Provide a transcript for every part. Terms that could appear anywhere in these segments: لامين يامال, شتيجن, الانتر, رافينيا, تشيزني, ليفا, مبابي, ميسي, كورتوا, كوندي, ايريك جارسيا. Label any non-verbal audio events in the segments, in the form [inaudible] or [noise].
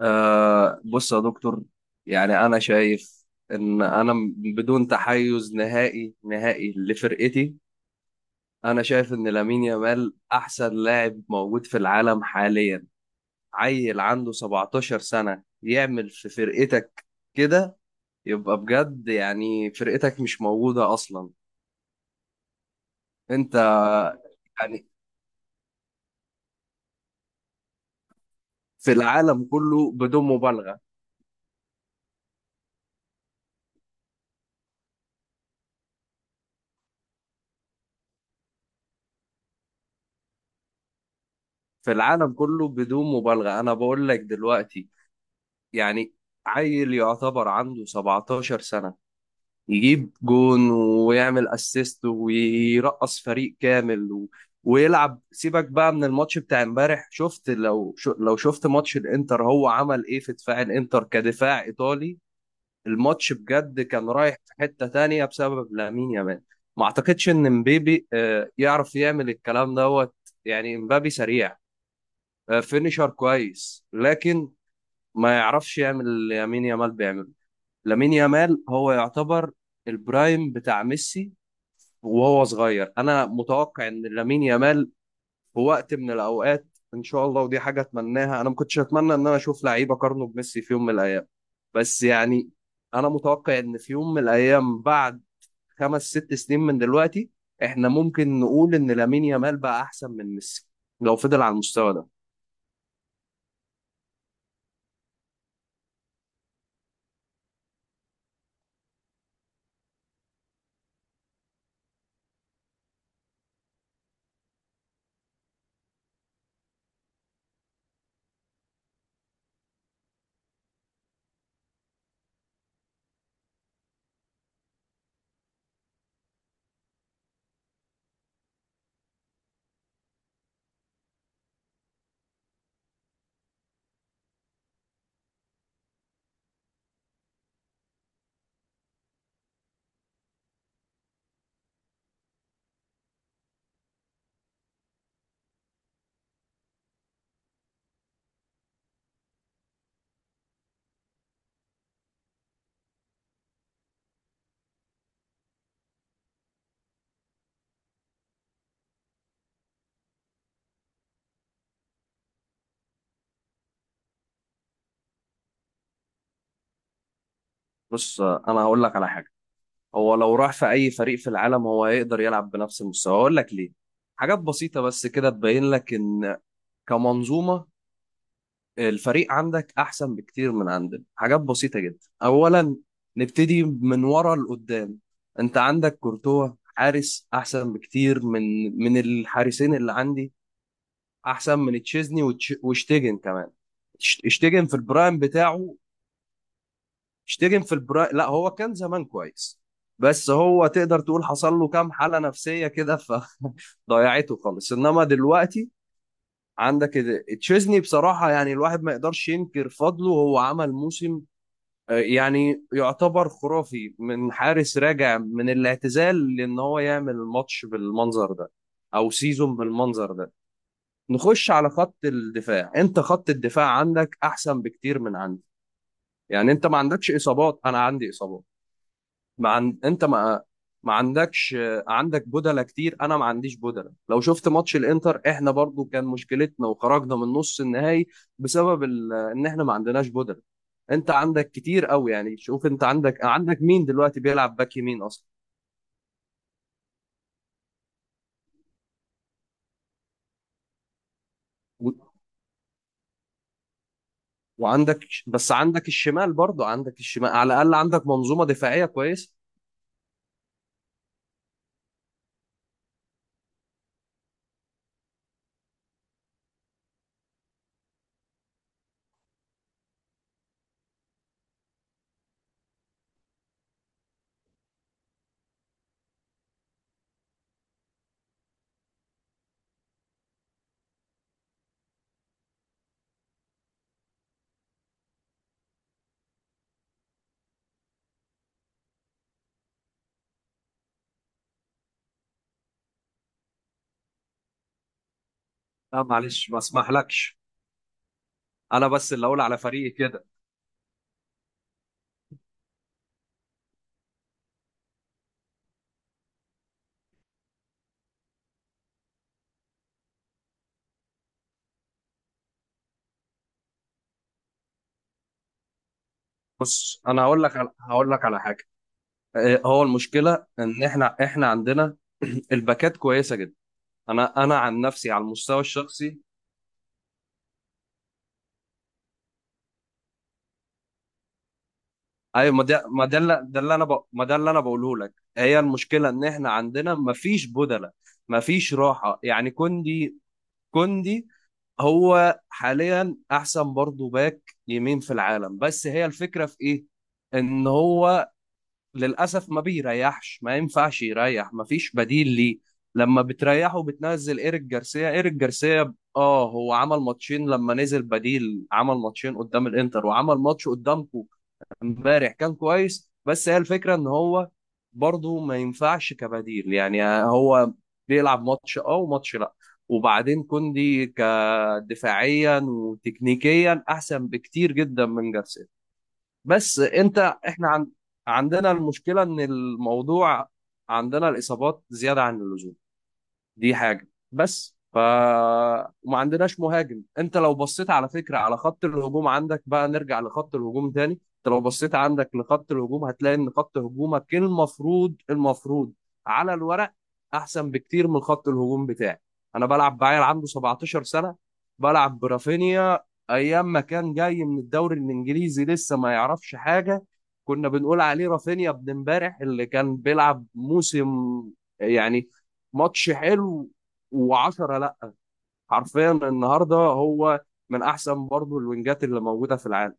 آه، بص يا دكتور، يعني أنا شايف إن بدون تحيز نهائي نهائي لفرقتي. أنا شايف إن لامين يامال أحسن لاعب موجود في العالم حاليا. عيل عنده 17 سنة يعمل في فرقتك كده، يبقى بجد يعني فرقتك مش موجودة أصلا. أنت يعني، في العالم كله بدون مبالغة. في العالم كله بدون مبالغة، أنا بقول لك دلوقتي. يعني عيل يعتبر عنده 17 سنة يجيب جون ويعمل اسيست ويرقص فريق كامل و... ويلعب. سيبك بقى من الماتش بتاع امبارح، شفت، لو شفت ماتش الانتر، هو عمل ايه في دفاع الانتر كدفاع ايطالي؟ الماتش بجد كان رايح في حتة تانية بسبب لامين يامال. ما اعتقدش ان مبابي يعرف يعمل الكلام دوت. يعني مبابي سريع، فينيشر كويس، لكن ما يعرفش يعمل اللي يمين يامال بيعمله. لامين يامال هو يعتبر البرايم بتاع ميسي وهو صغير. انا متوقع ان لامين يامال في وقت من الاوقات، ان شاء الله، ودي حاجه اتمناها. انا ما كنتش اتمنى ان انا اشوف لعيب اقارنه بميسي في يوم من الايام، بس يعني انا متوقع ان في يوم من الايام بعد 5 6 سنين من دلوقتي احنا ممكن نقول ان لامين يامال بقى احسن من ميسي لو فضل على المستوى ده. بص، انا هقول لك على حاجه. هو لو راح في اي فريق في العالم هو هيقدر يلعب بنفس المستوى. اقول لك ليه. حاجات بسيطة بس كده تبين لك ان كمنظومة الفريق عندك احسن بكتير من عندنا. حاجات بسيطة جدا، اولا نبتدي من ورا لقدام. انت عندك كورتوا، حارس احسن بكتير من الحارسين اللي عندي. احسن من تشيزني وشتيجن كمان. شتيجن في البرايم بتاعه اشتغل في البرا. لا، هو كان زمان كويس، بس هو تقدر تقول حصل له كام حالة نفسية كده فضيعته [laughs] خالص. انما دلوقتي عندك تشيزني بصراحة، يعني الواحد ما يقدرش ينكر فضله، هو عمل موسم يعني يعتبر خرافي من حارس راجع من الاعتزال، لان هو يعمل ماتش بالمنظر ده او سيزون بالمنظر ده. نخش على خط الدفاع. انت خط الدفاع عندك احسن بكتير من عندي. يعني انت ما عندكش اصابات، انا عندي اصابات. ما عن... انت ما عندكش، عندك بدلة كتير، انا ما عنديش بدلة. لو شفت ماتش الانتر احنا برضو كان مشكلتنا وخرجنا من نص النهائي ان احنا ما عندناش بدلة. انت عندك كتير قوي، يعني شوف، انت عندك مين دلوقتي بيلعب باك يمين اصلا؟ و... وعندك، بس عندك الشمال، برضو عندك الشمال، على الاقل عندك منظومة دفاعية كويسة. لا، معلش، ما اسمحلكش، انا بس اللي اقول على فريقي كده. بص انا هقول لك على حاجة. هو المشكله ان احنا عندنا [clears throat] الباكات كويسه جدا. انا عن نفسي على المستوى الشخصي، ايوه، ما ده اللي ده ما ده اللي انا بقوله لك، هي المشكله ان احنا عندنا ما فيش بدله، ما فيش راحه. يعني كوندي هو حاليا احسن برضه باك يمين في العالم، بس هي الفكره في ايه؟ ان هو للاسف ما بيريحش، ما ينفعش يريح، ما فيش بديل ليه. لما بتريحه بتنزل ايريك جارسيا. ايريك جارسيا هو عمل ماتشين. لما نزل بديل عمل ماتشين قدام الانتر وعمل ماتش قدامكو امبارح كان كويس. بس هي الفكره ان هو برضه ما ينفعش كبديل، يعني هو بيلعب ماتش اه وماتش لا. وبعدين كوندي كدفاعيا وتكنيكيا احسن بكتير جدا من جارسيا. بس انت، عندنا المشكلة ان الموضوع عندنا الإصابات زيادة عن اللزوم، دي حاجة. بس وما عندناش مهاجم. انت لو بصيت على فكرة على خط الهجوم، عندك بقى، نرجع لخط الهجوم تاني. انت لو بصيت عندك لخط الهجوم هتلاقي ان خط هجومك المفروض على الورق احسن بكتير من خط الهجوم بتاعي. انا بلعب بعيل عنده 17 سنة، بلعب برافينيا ايام ما كان جاي من الدوري الانجليزي لسه ما يعرفش حاجة، كنا بنقول عليه رافينيا ابن امبارح، اللي كان بيلعب موسم يعني ماتش حلو و10 لا، حرفيا النهارده هو من احسن برضه الوينجات اللي موجوده في العالم.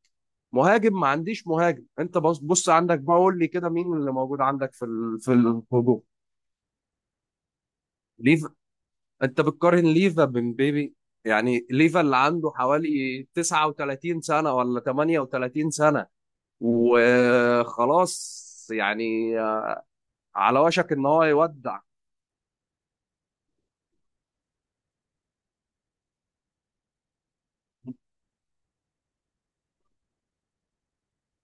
مهاجم ما عنديش مهاجم. انت بص بص، عندك بقى قول لي كده مين اللي موجود عندك في الهجوم؟ ليفا؟ انت بتقارن ليفا بمبابي؟ يعني ليفا اللي عنده حوالي 39 سنة ولا 38 سنة وخلاص، يعني على وشك ان هو يودع.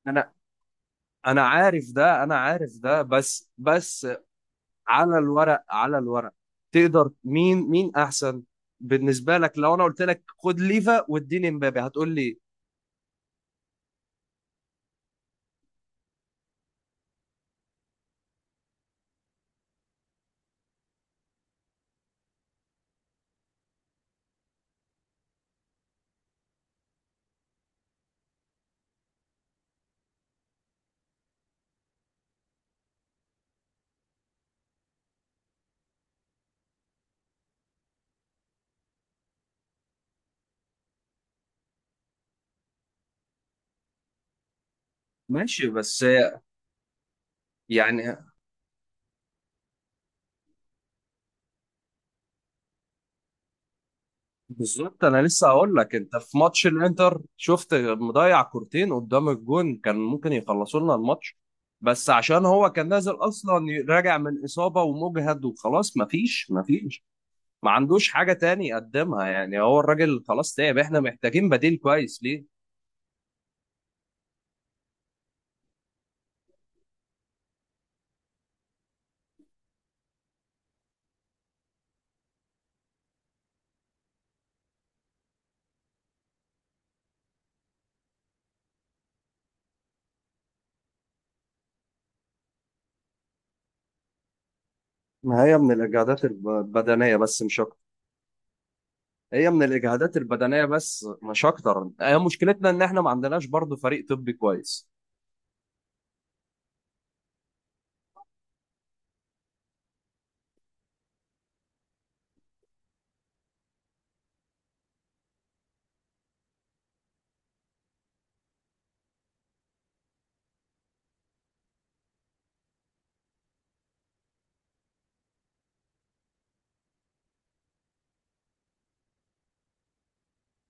انا انا عارف ده، انا عارف ده، بس بس على الورق، على الورق، تقدر مين احسن بالنسبه لك؟ لو انا قلت لك خد ليفا واديني مبابي هتقول لي ماشي، بس يعني بالظبط. انا لسه هقول لك، انت في ماتش الانتر شفت مضيع كورتين قدام الجون كان ممكن يخلصوا لنا الماتش، بس عشان هو كان نازل اصلا راجع من اصابه ومجهد وخلاص، مفيش. ما عندوش حاجه تاني يقدمها، يعني هو الراجل خلاص تعب، احنا محتاجين بديل كويس ليه. ما هي من الإجهادات البدنية بس مش أكتر. هي من الإجهادات البدنية بس مش أكتر، هي مشكلتنا إن إحنا ما عندناش برضه فريق طبي كويس.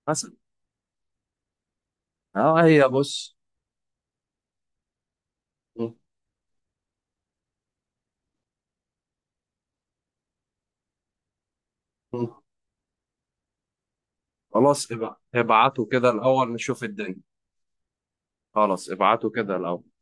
مثلا، هي، بص. م- م. خلاص، ابعتوا كده الأول نشوف الدنيا. خلاص ابعتوا كده الأول.